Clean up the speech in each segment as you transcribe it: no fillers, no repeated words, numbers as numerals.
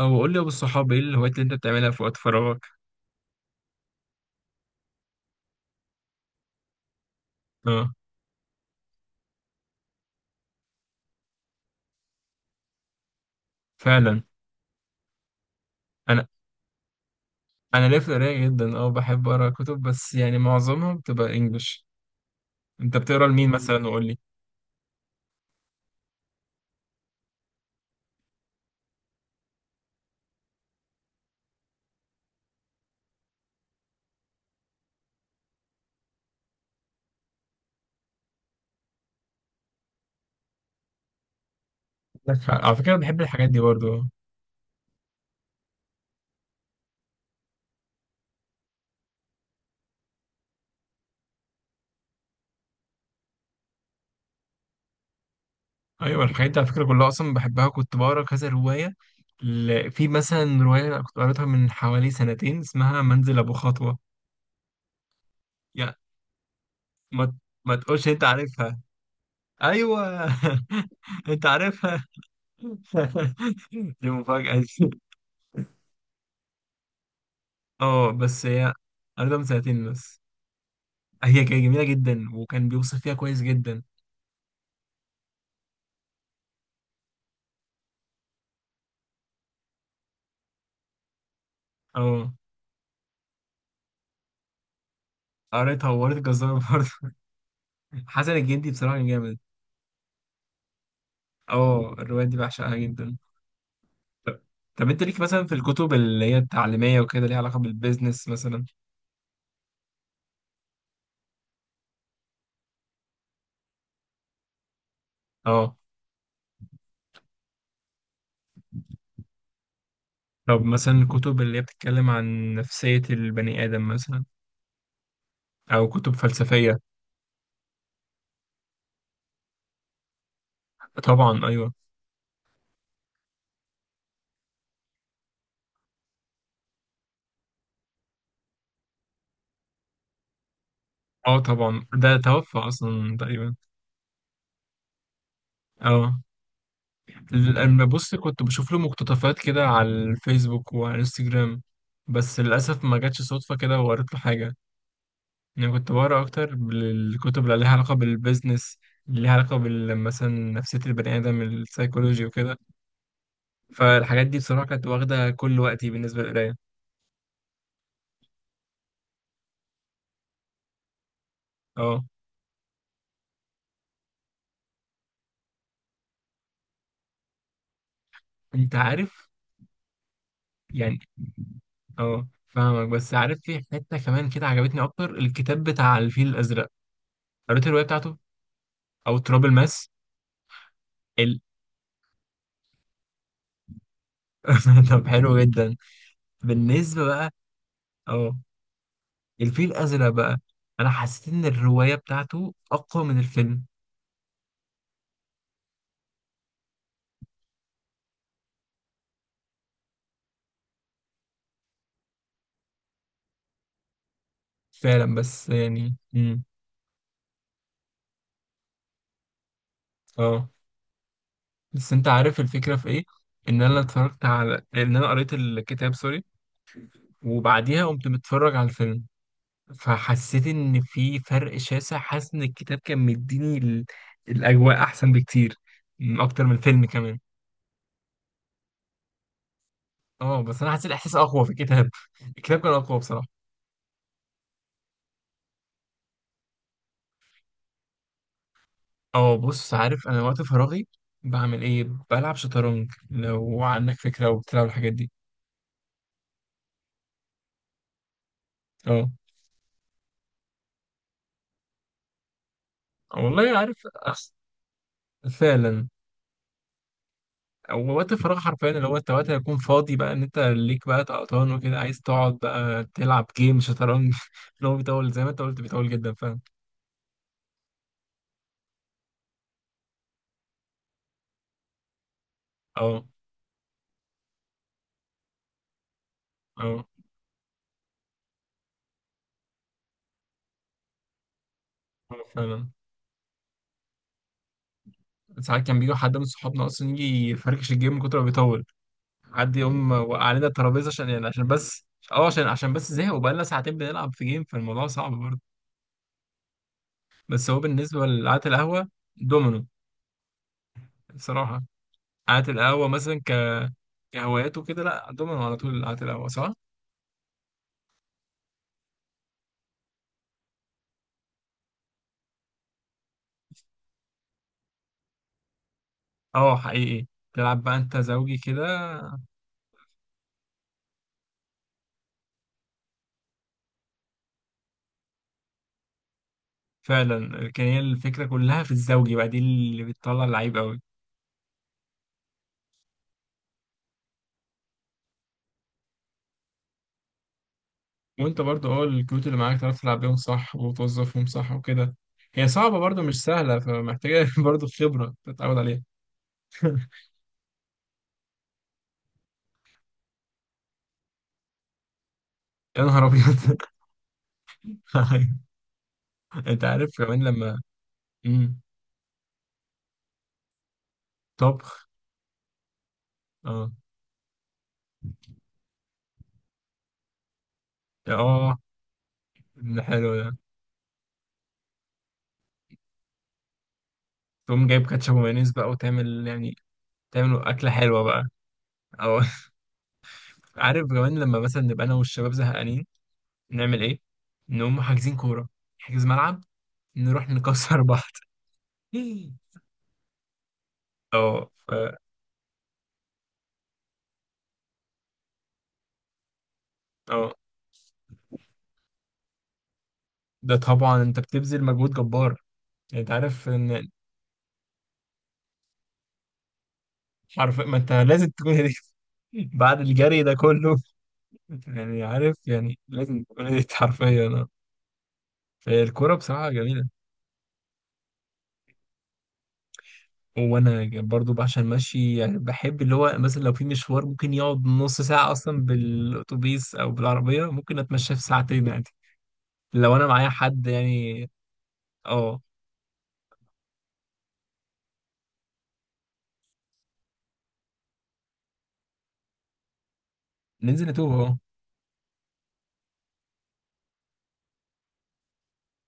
او قول لي يا ابو الصحاب، ايه الهوايات اللي انت بتعملها في وقت فراغك؟ اه، فعلا. انا انا ليا في القرايه جدا، بحب اقرا كتب، بس يعني معظمها بتبقى انجلش. انت بتقرا لمين مثلا؟ وقول لي. عندك حق على فكره، أنا بحب الحاجات دي برضو، آه. ايوه، الحاجات دي على فكره كلها اصلا بحبها، كنت بقرا كذا روايه. في مثلا روايه كنت قريتها من حوالي سنتين، اسمها منزل ابو خطوه. يا. ما ما تقولش انت عارفها. ايوه انت عارفها. دي مفاجاه. اه، بس هي قريتها من سنتين بس. هي كانت جميلة جدا، وكان بيوصف فيها كويس جدا. اه، قريتها وقريت الجزارة برضه. حسن الجندي بصراحة كان جامد. اه، الروايات دي بعشقها جدا. طب طب انت ليك مثلا في الكتب اللي هي التعليمية وكده، ليها علاقة بالبيزنس مثلا؟ اه. طب مثلا الكتب اللي هي بتتكلم عن نفسية البني آدم مثلا، أو كتب فلسفية؟ طبعا، أيوه. اه، طبعا ده توفى أصلا تقريبا. اه، لما بص كنت بشوف له مقتطفات كده على الفيسبوك وعلى الانستجرام. بس للأسف ما جاتش صدفة كده وقريت له حاجة. يعني كنت بقرا أكتر بالكتب اللي ليها علاقة بالبيزنس، اللي ليها علاقة مثلا نفسية البني آدم السايكولوجي وكده. فالحاجات دي بصراحة كانت واخدة كل وقتي بالنسبة للقراية. اه، انت عارف يعني. اه، فاهمك، بس عارف في حتة كمان كده عجبتني أكتر، الكتاب بتاع الفيل الأزرق، قريت الرواية بتاعته. أو تراب الماس. ال... طب حلو جدا. بالنسبة بقى، اه الفيل الأزرق بقى، أنا حسيت إن الرواية بتاعته أقوى من الفيلم. فعلا، بس يعني. اه بس أنت عارف الفكرة في إيه؟ إن أنا اتفرجت، على إن أنا قريت الكتاب، سوري، وبعديها قمت متفرج على الفيلم. فحسيت إن في فرق شاسع، حاسس إن الكتاب كان مديني الأجواء أحسن بكتير، أكتر من الفيلم كمان. اه، بس أنا حسيت الإحساس أقوى في الكتاب. الكتاب كان أقوى بصراحة. اه، بص، عارف انا وقت فراغي بعمل ايه؟ بلعب شطرنج، لو عندك فكره او بتلعب الحاجات دي. اه، والله عارف. أص- فعلا. هو وقت الفراغ حرفيا اللي هو انت وقت هيكون فاضي بقى، ان انت ليك بقى طقطان وكده، عايز تقعد بقى تلعب جيم شطرنج اللي هو بيطول، زي ما انت قلت بيطول جدا فعلا. اه، اه، آه، فعلا. ساعات كان بيجي حد من صحابنا اصلا يجي يفركش الجيم من كتر ما بيطول. حد يقوم وقع علينا الترابيزه عشان يعني عشان بس. اه، عشان بس زهق وبقالنا ساعتين بنلعب في جيم، فالموضوع صعب. بس هو بالنسبة لقعدة القهوة، دومينو بصراحة. قعدة القهوة مثلا كهوايات وكده، لا، دومينو على طول قعدة القهوة، صح؟ اه، حقيقي. تلعب بقى انت زوجي كده. فعلا كان، هي الفكرة كلها في الزوجي بقى دي اللي بتطلع اللعيب قوي. وانت برضو الكروت اللي معاك تعرف تلعب بيهم صح وتوظفهم صح وكده. هي صعبة برضو، مش سهلة، فمحتاجة برضو خبرة تتعود عليها. يا نهار أبيض. أيوة. انت عارف كمان لما. مم. طبخ. اه، اه، ده حلو ده. تقوم جايب كاتشب ومايونيز بقى وتعمل، يعني تعمل أكلة حلوة بقى. أو عارف كمان لما مثلا نبقى أنا والشباب زهقانين، نعمل إيه؟ نقوم حاجزين كورة، نحجز ملعب، نروح نكسر بعض. اه، اه، ده طبعا انت بتبذل مجهود جبار. يعني انت عارف ان حرفيا، ما انت لازم تكون هديت. بعد الجري ده كله، يعني عارف يعني لازم تكون هديت حرفيا، اه. فالكورة بصراحة جميلة. وانا برضو بعشق المشي، يعني بحب اللي هو مثلا لو في مشوار ممكن يقعد نص ساعة اصلا بالاتوبيس او بالعربية، ممكن اتمشى في ساعتين عادي. لو انا معايا حد يعني. اه، ننزل نتوه، اه.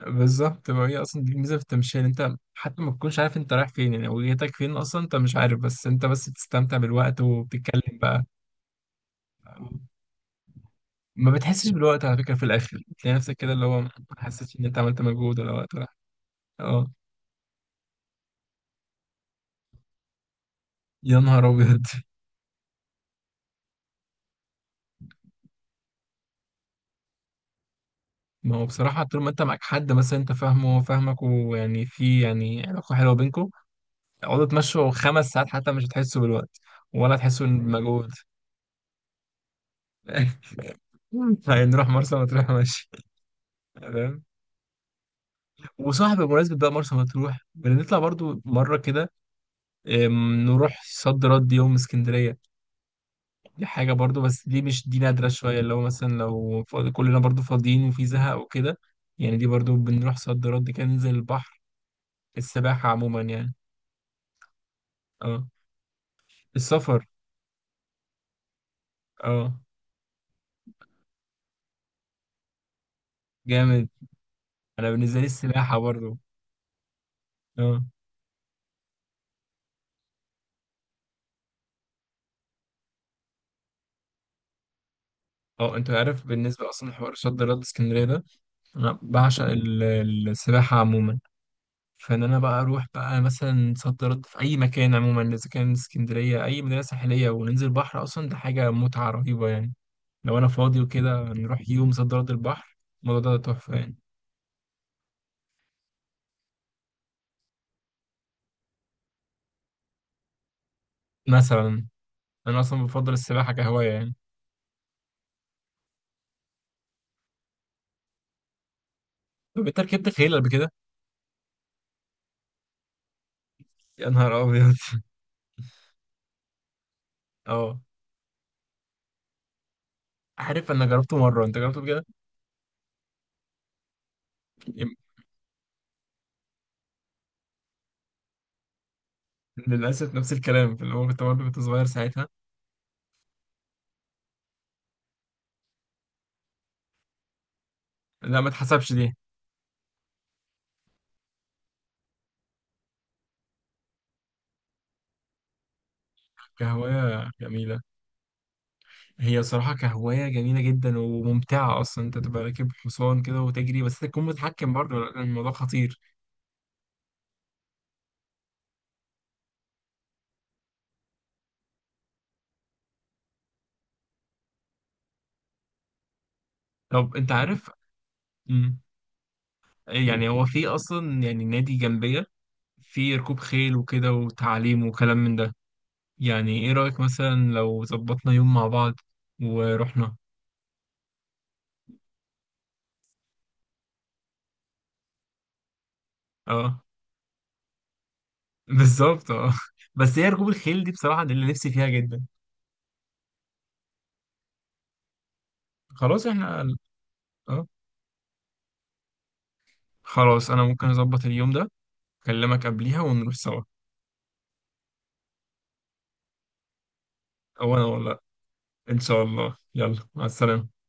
بالظبط، ما هي اصلا دي الميزة في التمشية، إن انت حتى ما تكونش عارف انت رايح فين، يعني وجهتك فين اصلا انت مش عارف، بس انت بس بتستمتع بالوقت وبتتكلم بقى. ما بتحسش بالوقت على فكرة، في الاخر تلاقي نفسك كده اللي هو ما حسيتش ان انت عملت مجهود ولا وقت ولا حاجة. اه، يا نهار ابيض. ما هو بصراحة طول ما انت معاك حد مثلا انت فاهمه وهو فاهمك، ويعني في يعني علاقة حلوة بينكم، اقعدوا تمشوا 5 ساعات حتى مش هتحسوا بالوقت، ولا هتحسوا بمجهود. هنروح مرسى مطروح، ماشي؟ تمام. وصاحب بمناسبة بقى مرسى مطروح، بنطلع برضو مرة كده، نروح صد رد يوم اسكندرية. دي حاجة برضو، بس دي مش، دي نادرة شوية، اللي هو مثلا لو فاضي كلنا برضو فاضيين وفي زهق وكده. يعني دي برضو بنروح صد رد كده، ننزل البحر. السباحة عموما يعني. اه، السفر. اه، جامد. انا بالنسبه لي السباحه برضو. اه، اه، انت عارف بالنسبه اصلا، حوار شد رد اسكندريه ده، انا بعشق السباحه عموما. فان انا بقى اروح بقى مثلا صد رد في اي مكان عموما، اذا كان اسكندريه اي مدينه ساحليه، وننزل بحر اصلا، ده حاجه متعه رهيبه يعني. لو انا فاضي وكده نروح يوم صد رد البحر، الموضوع ده تحفه يعني. مثلا انا اصلا بفضل السباحه كهوايه يعني. طب انت ركبت خيل قبل كده؟ يا نهار ابيض اه، عارف انا جربته مره، انت جربته بجد؟ للأسف نفس الكلام، في الأول كنت برضه كنت صغير ساعتها. لا، ما اتحسبش دي. كهواية جميلة، هي صراحة كهواية جميلة جدا وممتعة، أصلا أنت تبقى راكب حصان كده وتجري، بس تكون متحكم برضه لأن الموضوع خطير. طب أنت عارف. مم. يعني هو في أصلا يعني نادي جنبية، في ركوب خيل وكده وتعليم وكلام من ده، يعني إيه رأيك مثلا لو ظبطنا يوم مع بعض ورحنا؟ أه، بالظبط، أه. بس هي ركوب الخيل دي بصراحة، دي اللي نفسي فيها جدا. خلاص احنا اه خلاص انا ممكن اظبط اليوم ده، اكلمك قبليها ونروح سوا. او انا ولا إنت؟ ان شاء الله، يلا مع السلامة.